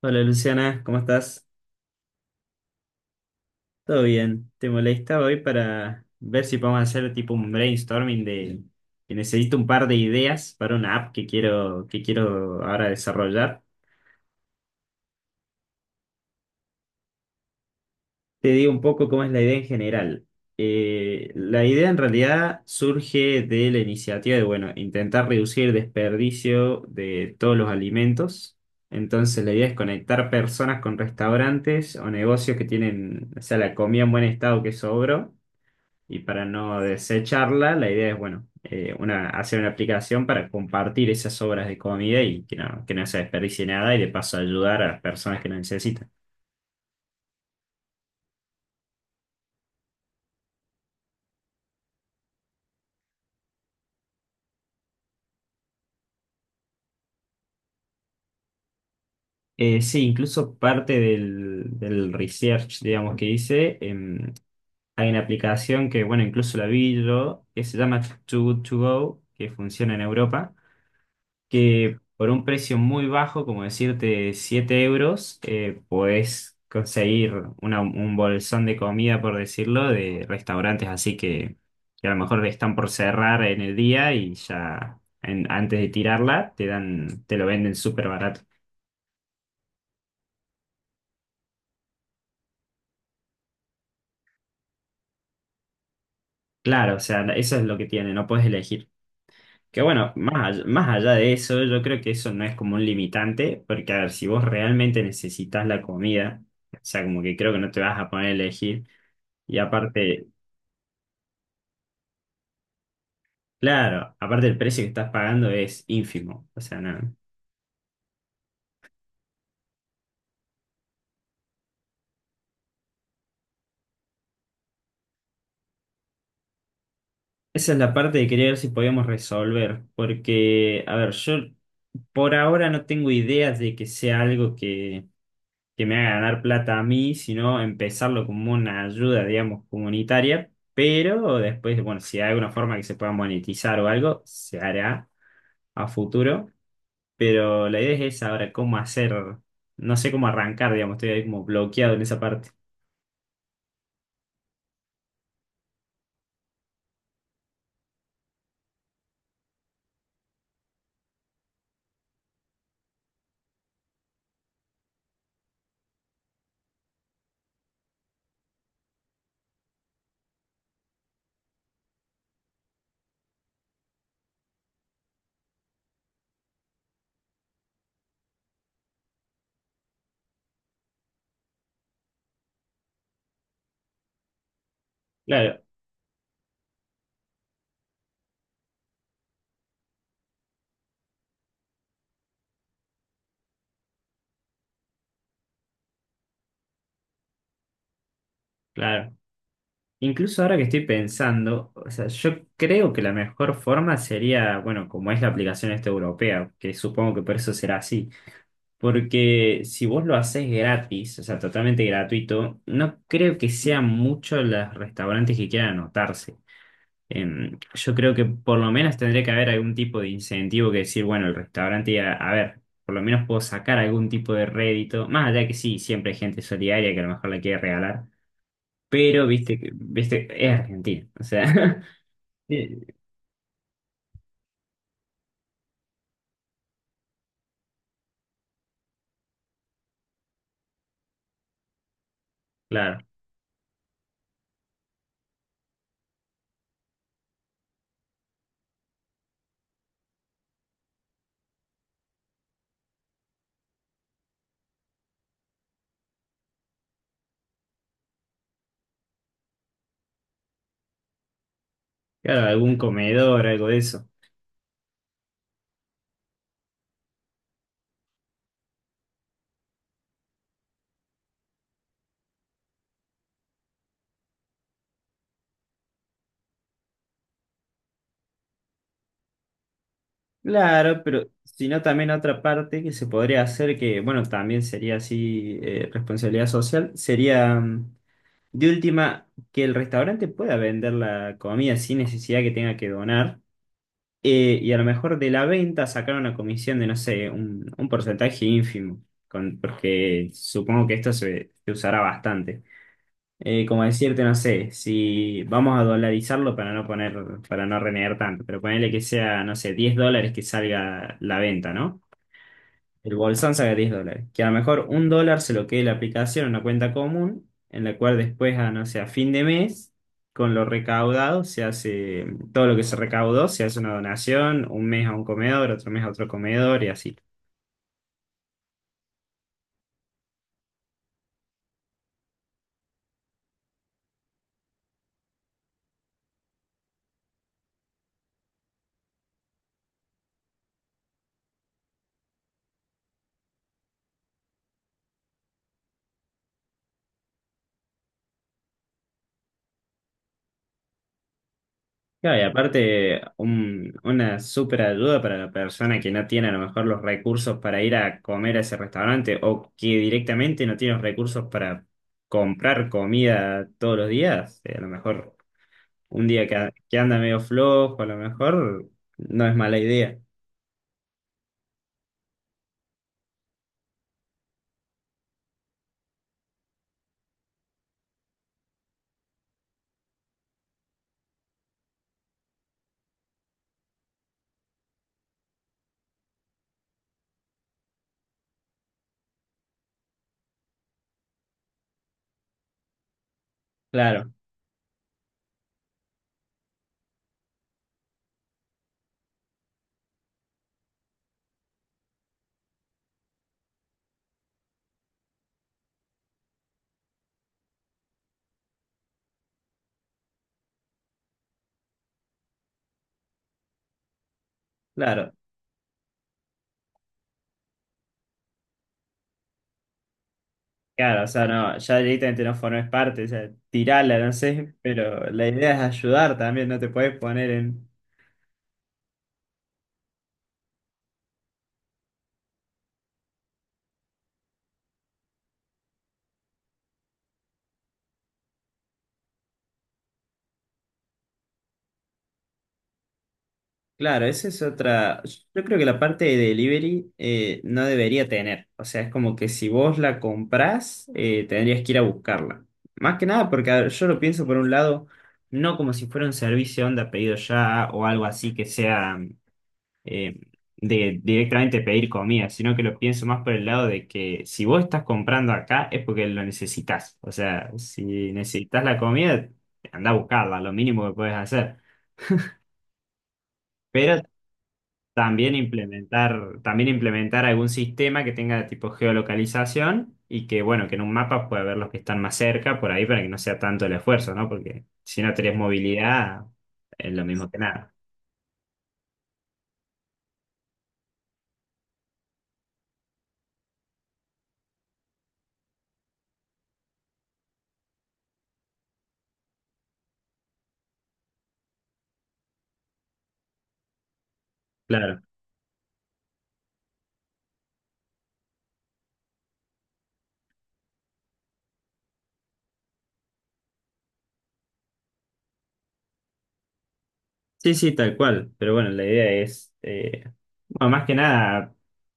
Hola Luciana, ¿cómo estás? Todo bien. Te molestaba hoy para ver si podemos hacer tipo un brainstorming de que necesito un par de ideas para una app que quiero, ahora desarrollar. Te digo un poco cómo es la idea en general. La idea en realidad surge de la iniciativa de, bueno, intentar reducir el desperdicio de todos los alimentos. Entonces la idea es conectar personas con restaurantes o negocios que tienen, o sea, la comida en buen estado que sobró. Y para no desecharla, la idea es, bueno, hacer una aplicación para compartir esas obras de comida y que no se desperdicie nada y de paso ayudar a las personas que lo necesitan. Sí, incluso parte del research, digamos, que hice, hay una aplicación que, bueno, incluso la vi yo, que se llama Too Good To Go, que funciona en Europa, que por un precio muy bajo, como decirte €7, podés conseguir un bolsón de comida, por decirlo, de restaurantes así que a lo mejor están por cerrar en el día y ya antes de tirarla te dan, te lo venden súper barato. Claro, o sea, eso es lo que tiene, no puedes elegir. Que bueno, más allá de eso, yo creo que eso no es como un limitante, porque a ver, si vos realmente necesitas la comida, o sea, como que creo que no te vas a poner a elegir. Y aparte. Claro, aparte el precio que estás pagando es ínfimo, o sea, nada. Esa es la parte de querer ver si podíamos resolver, porque, a ver, yo por ahora no tengo ideas de que sea algo que me haga ganar plata a mí, sino empezarlo como una ayuda, digamos, comunitaria, pero después, bueno, si hay alguna forma que se pueda monetizar o algo, se hará a futuro, pero la idea es esa, ahora cómo hacer, no sé cómo arrancar, digamos, estoy ahí como bloqueado en esa parte. Claro, claro. Incluso ahora que estoy pensando, o sea, yo creo que la mejor forma sería, bueno, como es la aplicación esta europea, que supongo que por eso será así, porque si vos lo haces gratis, o sea, totalmente gratuito, no creo que sean muchos los restaurantes que quieran anotarse. Yo creo que por lo menos tendría que haber algún tipo de incentivo que decir, bueno, el restaurante, a ver, por lo menos puedo sacar algún tipo de rédito, más allá que sí, siempre hay gente solidaria que a lo mejor la quiere regalar, pero viste, es Argentina, o sea, eh, claro, claro, algún comedor, algo de eso. Claro, pero si no también otra parte que se podría hacer, que bueno, también sería así, responsabilidad social, sería de última que el restaurante pueda vender la comida sin necesidad que tenga que donar, y a lo mejor de la venta sacar una comisión de, no sé, un porcentaje ínfimo, porque supongo que esto se usará bastante. Como decirte, no sé, si vamos a dolarizarlo para no poner, para no renegar tanto, pero ponerle que sea, no sé, US$10 que salga la venta, ¿no? El bolsón salga US$10. Que a lo mejor US$1 se lo quede la aplicación en una cuenta común, en la cual después, no sé, a fin de mes, con lo recaudado, se hace, todo lo que se recaudó, se hace una donación, un mes a un comedor, otro mes a otro comedor y así. Claro, y aparte, una súper ayuda para la persona que no tiene a lo mejor los recursos para ir a comer a ese restaurante o que directamente no tiene los recursos para comprar comida todos los días. A lo mejor un día que, que anda medio flojo, a lo mejor no es mala idea. Claro, claro, claro, o sea, no, ya directamente no formes parte, o sea, tirala, no sé, pero la idea es ayudar también, no te puedes poner en... Claro, esa es otra. Yo creo que la parte de delivery no debería tener. O sea, es como que si vos la comprás, tendrías que ir a buscarla. Más que nada porque a ver, yo lo pienso por un lado, no como si fuera un servicio onda pedido ya o algo así que sea eh, de directamente pedir comida, sino que lo pienso más por el lado de que si vos estás comprando acá es porque lo necesitas. O sea, si necesitas la comida, anda a buscarla, lo mínimo que puedes hacer. Pero también implementar algún sistema que tenga tipo geolocalización y que, bueno, que en un mapa pueda ver los que están más cerca por ahí para que no sea tanto el esfuerzo, ¿no? Porque si no tenés movilidad, es lo mismo que nada. Claro. Sí, sí, tal cual. Pero bueno, la idea es, bueno, más que nada,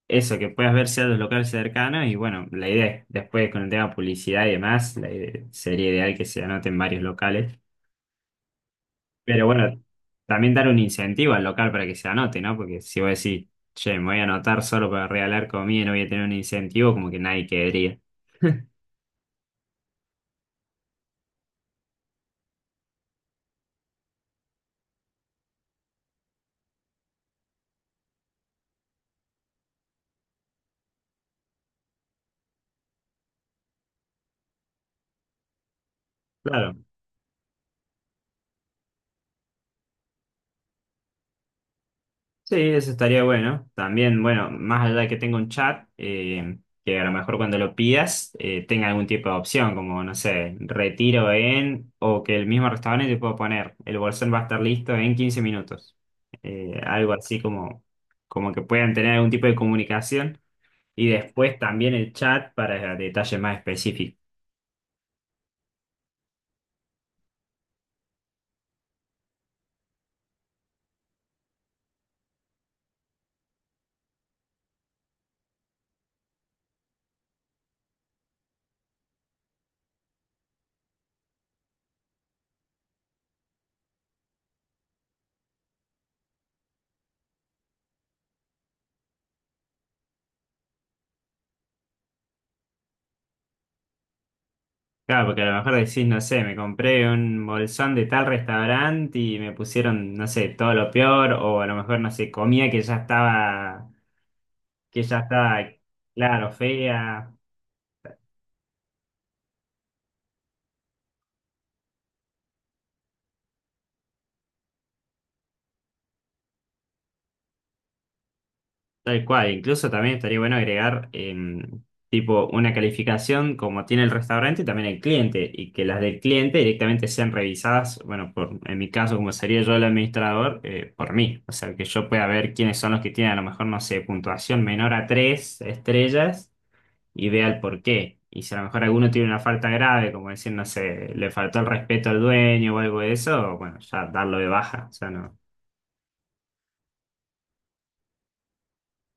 eso, que puedas ver los locales cercanos y bueno, la idea es, después con el tema publicidad y demás, la idea- sería ideal que se anoten varios locales. Pero bueno, también dar un incentivo al local para que se anote, ¿no? Porque si vos decís, che, me voy a anotar solo para regalar comida y no voy a tener un incentivo, como que nadie querría. Claro. Sí, eso estaría bueno. También, bueno, más allá de que tenga un chat, que a lo mejor cuando lo pidas tenga algún tipo de opción, como, no sé, retiro en, o que el mismo restaurante te pueda poner, el bolsón va a estar listo en 15 minutos. Algo así como, que puedan tener algún tipo de comunicación. Y después también el chat para detalles más específicos. Claro, porque a lo mejor decís, no sé, me compré un bolsón de tal restaurante y me pusieron, no sé, todo lo peor, o a lo mejor, no sé, comida que ya estaba, que ya estaba, claro, fea. Tal cual, incluso también estaría bueno agregar tipo una calificación como tiene el restaurante y también el cliente, y que las del cliente directamente sean revisadas, bueno, por, en mi caso, como sería yo el administrador, por mí. O sea, que yo pueda ver quiénes son los que tienen a lo mejor, no sé, puntuación menor a tres estrellas y vea el por qué. Y si a lo mejor alguno tiene una falta grave, como decir, no sé, le faltó el respeto al dueño o algo de eso, bueno, ya darlo de baja. O sea, no.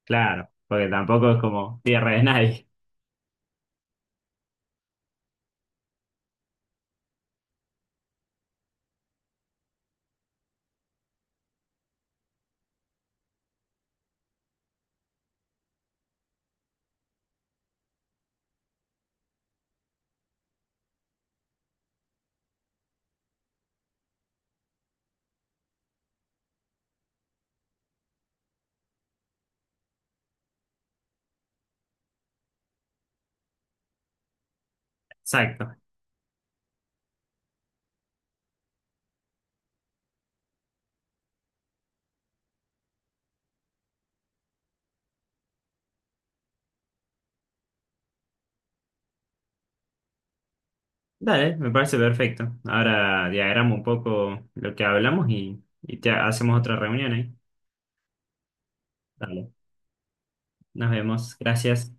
Claro, porque tampoco es como tierra de nadie. Exacto. Dale, me parece perfecto. Ahora diagramo un poco lo que hablamos y te hacemos otra reunión ahí. Dale, nos vemos. Gracias.